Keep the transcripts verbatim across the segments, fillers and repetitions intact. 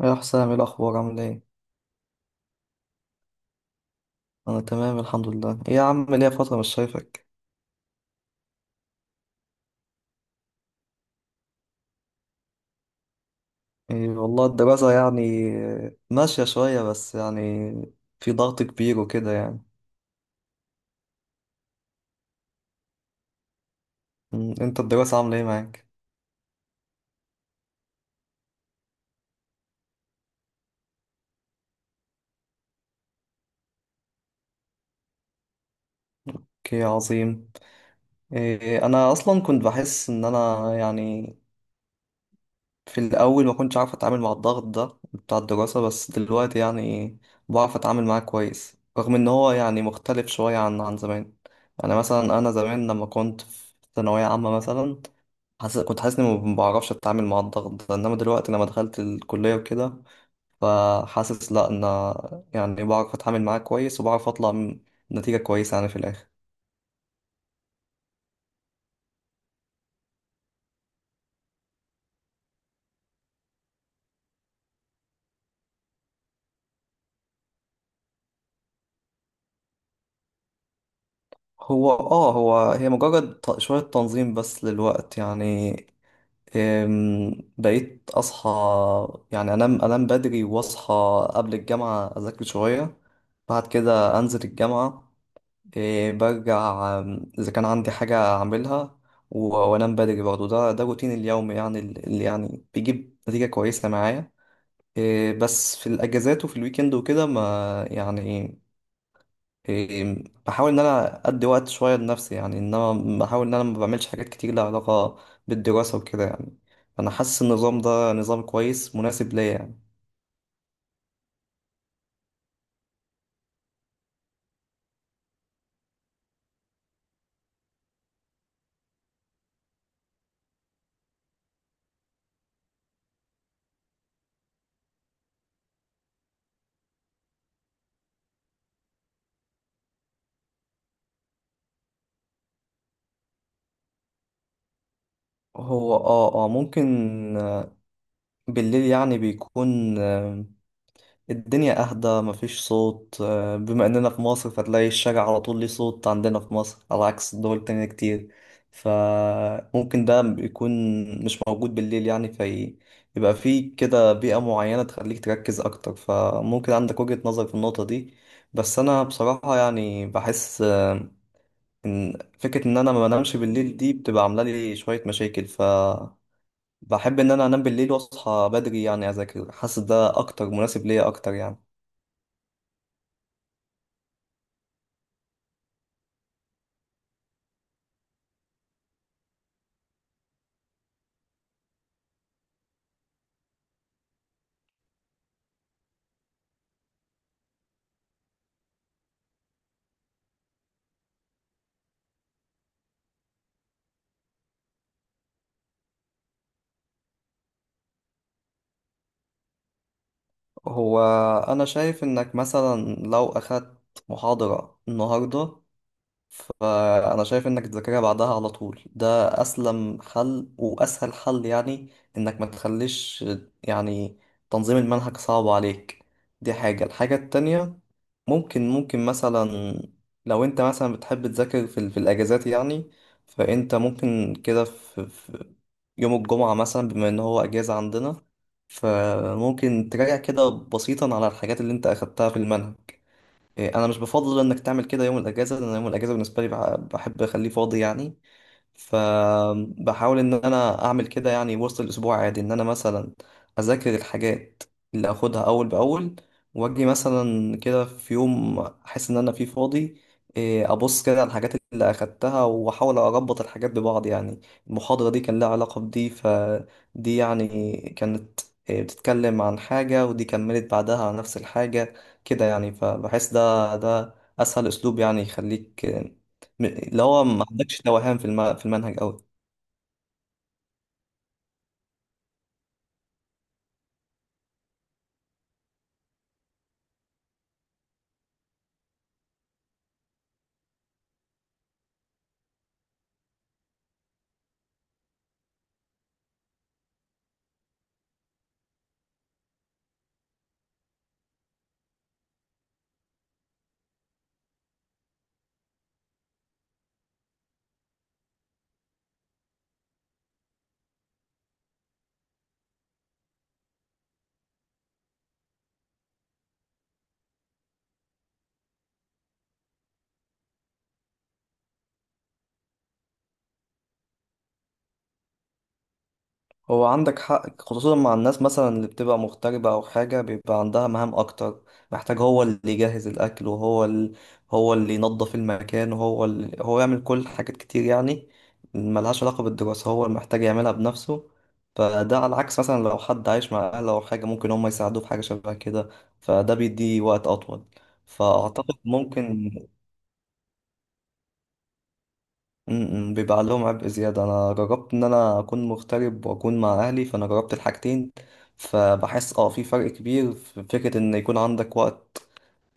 يا حسام، ايه الاخبار؟ عامل ايه؟ انا تمام الحمد لله. ايه يا عم، ليا فتره مش شايفك. إيه والله الدراسه يعني، آه، ماشيه شويه بس يعني في ضغط كبير وكده يعني. أمم، انت الدراسه عامله ايه معاك؟ اوكي، عظيم. إيه، انا اصلا كنت بحس ان انا يعني في الاول ما كنتش عارف اتعامل مع الضغط ده بتاع الدراسه، بس دلوقتي يعني بعرف اتعامل معاه كويس رغم ان هو يعني مختلف شويه عن عن زمان. انا مثلا، انا زمان لما كنت في ثانويه عامه مثلا، حاسس كنت حاسس اني ما بعرفش اتعامل مع الضغط ده، انما دلوقتي لما دخلت الكلية وكده فحاسس لا، انا يعني بعرف اتعامل معاه كويس وبعرف اطلع من نتيجة كويسة يعني في الاخر. هو اه هو هي مجرد ت- شوية تنظيم بس للوقت يعني. أم، بقيت اصحى، يعني انام انام بدري واصحى قبل الجامعة، اذاكر شوية، بعد كده انزل الجامعة. إيه، برجع، آم، إذا كان عندي حاجة أعملها و- وأنام بدري برضه. ده ده روتين اليوم يعني اللي يعني بيجيب نتيجة كويسة معايا. إيه، بس في الأجازات وفي الويكند وكده، ما يعني، إيه، بحاول إن أنا أدي وقت شوية لنفسي يعني، إنما بحاول إن أنا ما بعملش حاجات كتير لها علاقة بالدراسة وكده يعني. أنا حاسس النظام ده نظام كويس مناسب ليا يعني. هو اه اه ممكن، آه، بالليل يعني بيكون الدنيا أهدى، مفيش صوت. آه، بما إننا في مصر فتلاقي الشارع على طول ليه صوت، عندنا في مصر، على عكس دول تانية كتير. فممكن ده يكون مش موجود بالليل، يعني في، يبقى فيه كده بيئة معينة تخليك تركز أكتر. فممكن عندك وجهة نظر في النقطة دي. بس أنا بصراحة يعني بحس، آه، إن فكرة إن أنا ما بنامش بالليل دي بتبقى عاملة لي شوية مشاكل. ف بحب إن أنا أنام بالليل وأصحى بدري، يعني أذاكر. حاسس ده أكتر مناسب ليا أكتر يعني. هو أنا شايف إنك مثلا لو أخدت محاضرة النهاردة، فأنا شايف إنك تذاكرها بعدها على طول. ده أسلم حل وأسهل حل يعني. إنك ما تخليش يعني تنظيم المنهج صعب عليك. دي حاجة الحاجة التانية، ممكن ممكن مثلا لو أنت مثلا بتحب تذاكر في, ال- في الأجازات يعني، فأنت ممكن كده في, في يوم الجمعة مثلا، بما إن هو أجازة عندنا، فممكن تراجع كده بسيطا على الحاجات اللي أنت أخدتها في المنهج. إيه، انا مش بفضل انك تعمل كده يوم الاجازه، لان يوم الاجازه بالنسبه لي بح- بحب اخليه فاضي يعني. فبحاول ان انا اعمل كده يعني وسط الاسبوع عادي، ان انا مثلا اذاكر الحاجات اللي اخدها اول باول، واجي مثلا كده في يوم احس ان انا فيه فاضي، إيه، ابص كده على الحاجات اللي اخدتها واحاول اربط الحاجات ببعض يعني. المحاضرة دي كان لها علاقة بدي، فدي يعني كانت، إيه، بتتكلم عن حاجة، ودي كملت بعدها على نفس الحاجة. كده يعني فبحس ده ده اسهل اسلوب يعني يخليك، م- اللي هو ما عندكش توهان في الم... في المنهج قوي. هو عندك حق، خصوصا مع الناس مثلا اللي بتبقى مغتربة أو حاجة بيبقى عندها مهام أكتر. محتاج هو اللي يجهز الأكل، وهو ال... هو اللي ينظف المكان، وهو اللي... هو يعمل كل حاجات كتير يعني ملهاش علاقة بالدراسة هو اللي محتاج يعملها بنفسه. فده على العكس مثلا لو حد عايش مع أهله أو حاجة، ممكن هم يساعدوه في حاجة شبه كده، فده بيديه وقت أطول. فأعتقد ممكن، م-م، بيبقى عليهم عبء زيادة. أنا جربت إن أنا أكون مغترب وأكون مع أهلي، فأنا جربت الحاجتين، فبحس أه في فرق كبير في فكرة إن يكون عندك وقت،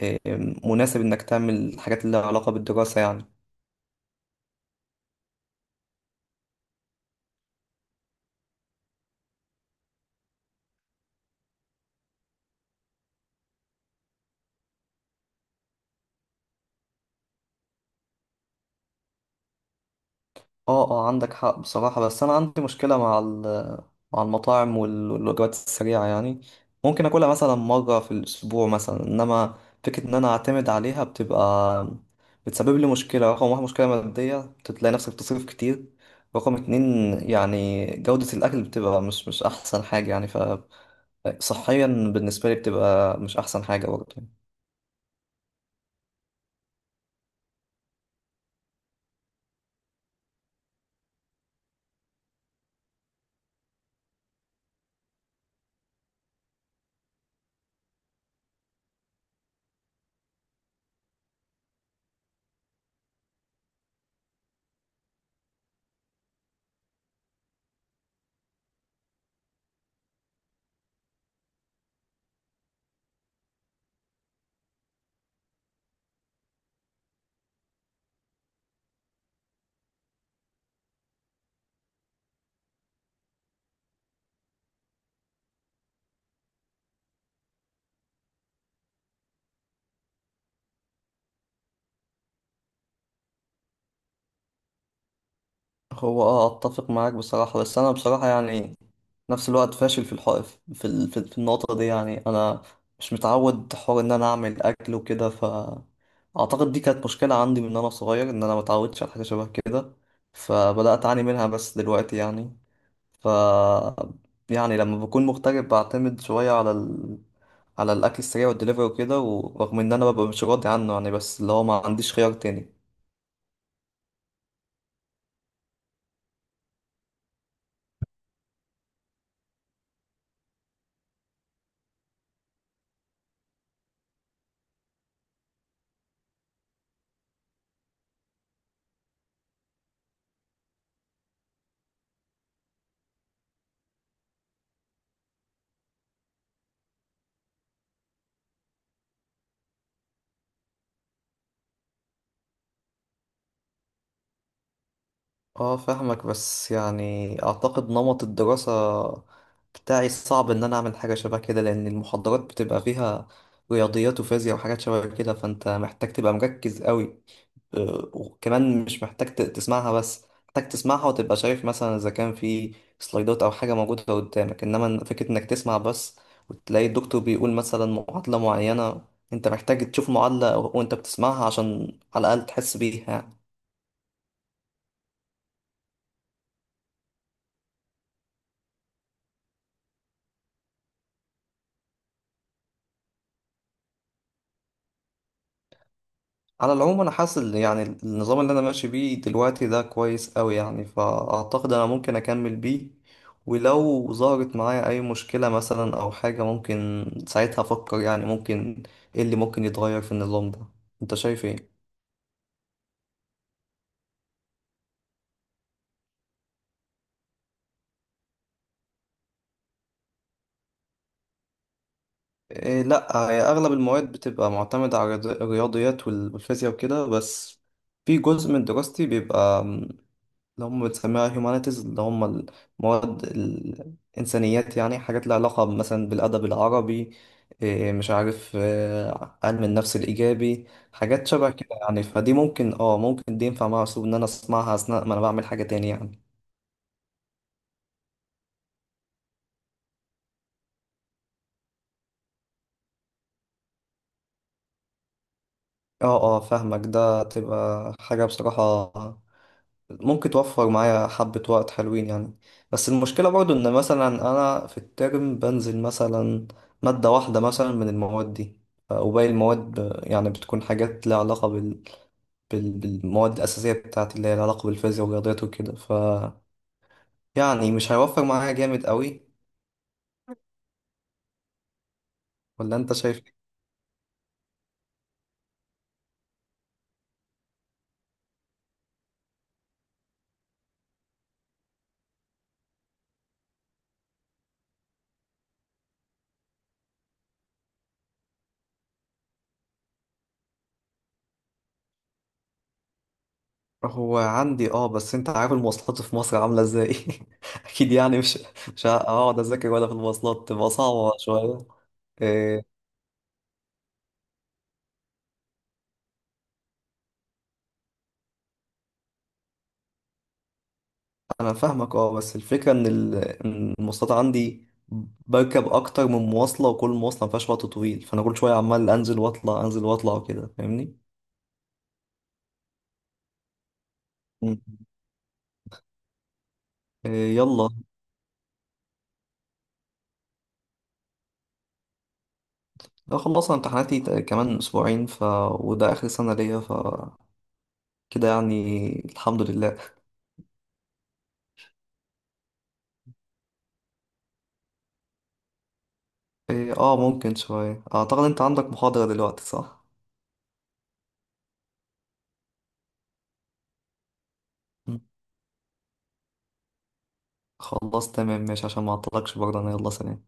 آه، مناسب إنك تعمل الحاجات اللي لها علاقة بالدراسة يعني. اه اه عندك حق بصراحة، بس أنا عندي مشكلة مع ال- مع المطاعم وال- والوجبات السريعة يعني. ممكن أكلها مثلا مرة في الأسبوع مثلا، إنما فكرة إن أنا أعتمد عليها بتبقى، بتسبب لي مشكلة. رقم واحد، مشكلة مادية، بتلاقي نفسك بتصرف كتير. رقم اتنين، يعني جودة الأكل بتبقى مش مش أحسن حاجة يعني، فصحيا بالنسبة لي بتبقى مش أحسن حاجة برضه. هو اه اتفق معاك بصراحة، بس انا بصراحة يعني نفس الوقت فاشل في الحق في ال- في في النقطة دي يعني. انا مش متعود حوار ان انا اعمل اكل وكده، ف اعتقد دي كانت مشكلة عندي من انا صغير، ان انا متعودتش على حاجة شبه كده فبدأت اعاني منها. بس دلوقتي يعني، ف، يعني لما بكون مغترب بعتمد شوية على ال... على الاكل السريع والدليفري وكده، ورغم ان انا ببقى مش راضي عنه يعني، بس اللي هو ما عنديش خيار تاني. اه فاهمك، بس يعني اعتقد نمط الدراسة بتاعي صعب ان انا اعمل حاجة شبه كده، لان المحاضرات بتبقى فيها رياضيات وفيزياء وحاجات شبه كده، فانت محتاج تبقى مركز قوي. آه، وكمان مش محتاج ت- تسمعها بس، محتاج تسمعها وتبقى شايف مثلا اذا كان في سلايدات او حاجة موجودة قدامك. انما فكرة انك تسمع بس وتلاقي الدكتور بيقول مثلا معادلة معينة، انت محتاج تشوف معادلة وانت بتسمعها عشان على الاقل تحس بيها يعني. على العموم انا حاسس إن يعني النظام اللي انا ماشي بيه دلوقتي ده كويس قوي يعني، فاعتقد انا ممكن اكمل بيه، ولو ظهرت معايا اي مشكلة مثلا او حاجة ممكن ساعتها افكر يعني ممكن ايه اللي ممكن يتغير في النظام ده. انت شايف ايه؟ إيه، لا، هي اغلب المواد بتبقى معتمدة على الرياض- الرياضيات وال- والفيزياء وكده، بس في جزء من دراستي بيبقى اللي هم بتسميها humanities، اللي هم المواد الإنسانيات يعني، حاجات لها علاقة مثلا بالأدب العربي، إيه مش عارف، آه، علم النفس الإيجابي، حاجات شبه كده يعني. فدي ممكن اه ممكن دي ينفع مع أسلوب إن أنا أسمعها أثناء ما أنا بعمل حاجة تاني يعني. اه اه فاهمك، ده تبقى حاجة بصراحة ممكن توفر معايا حبة وقت حلوين يعني. بس المشكلة برضو إن مثلا أنا في الترم بنزل مثلا مادة واحدة مثلا من المواد دي، ف- وباقي المواد ب- يعني بتكون حاجات لها علاقة بال... بال... بالمواد الأساسية بتاعتي اللي هي لها علاقة بالفيزياء والرياضيات وكده، ف، يعني مش هيوفر معايا جامد قوي. ولا أنت شايف إيه؟ هو عندي، اه بس انت عارف المواصلات في مصر عاملة ازاي. اكيد يعني مش مش هقعد اذاكر ولا في المواصلات، تبقى صعبة شوية. آه، انا فاهمك، اه بس الفكره ان ال- إن المواصلات عندي بركب اكتر من مواصله، وكل مواصله ما فيهاش وقت طويل، فانا كل شويه عمال انزل واطلع انزل واطلع وكده فاهمني. مم. إيه، يلا. انا خلصنا امتحاناتي ت- كمان اسبوعين، ف، وده اخر سنه ليا، ف، كده يعني الحمد لله. إيه، اه ممكن شويه. اعتقد انت عندك محاضره دلوقتي، صح؟ مم. خلاص تمام ماشي، عشان ما اعطلكش برضه، انا يلا سلام.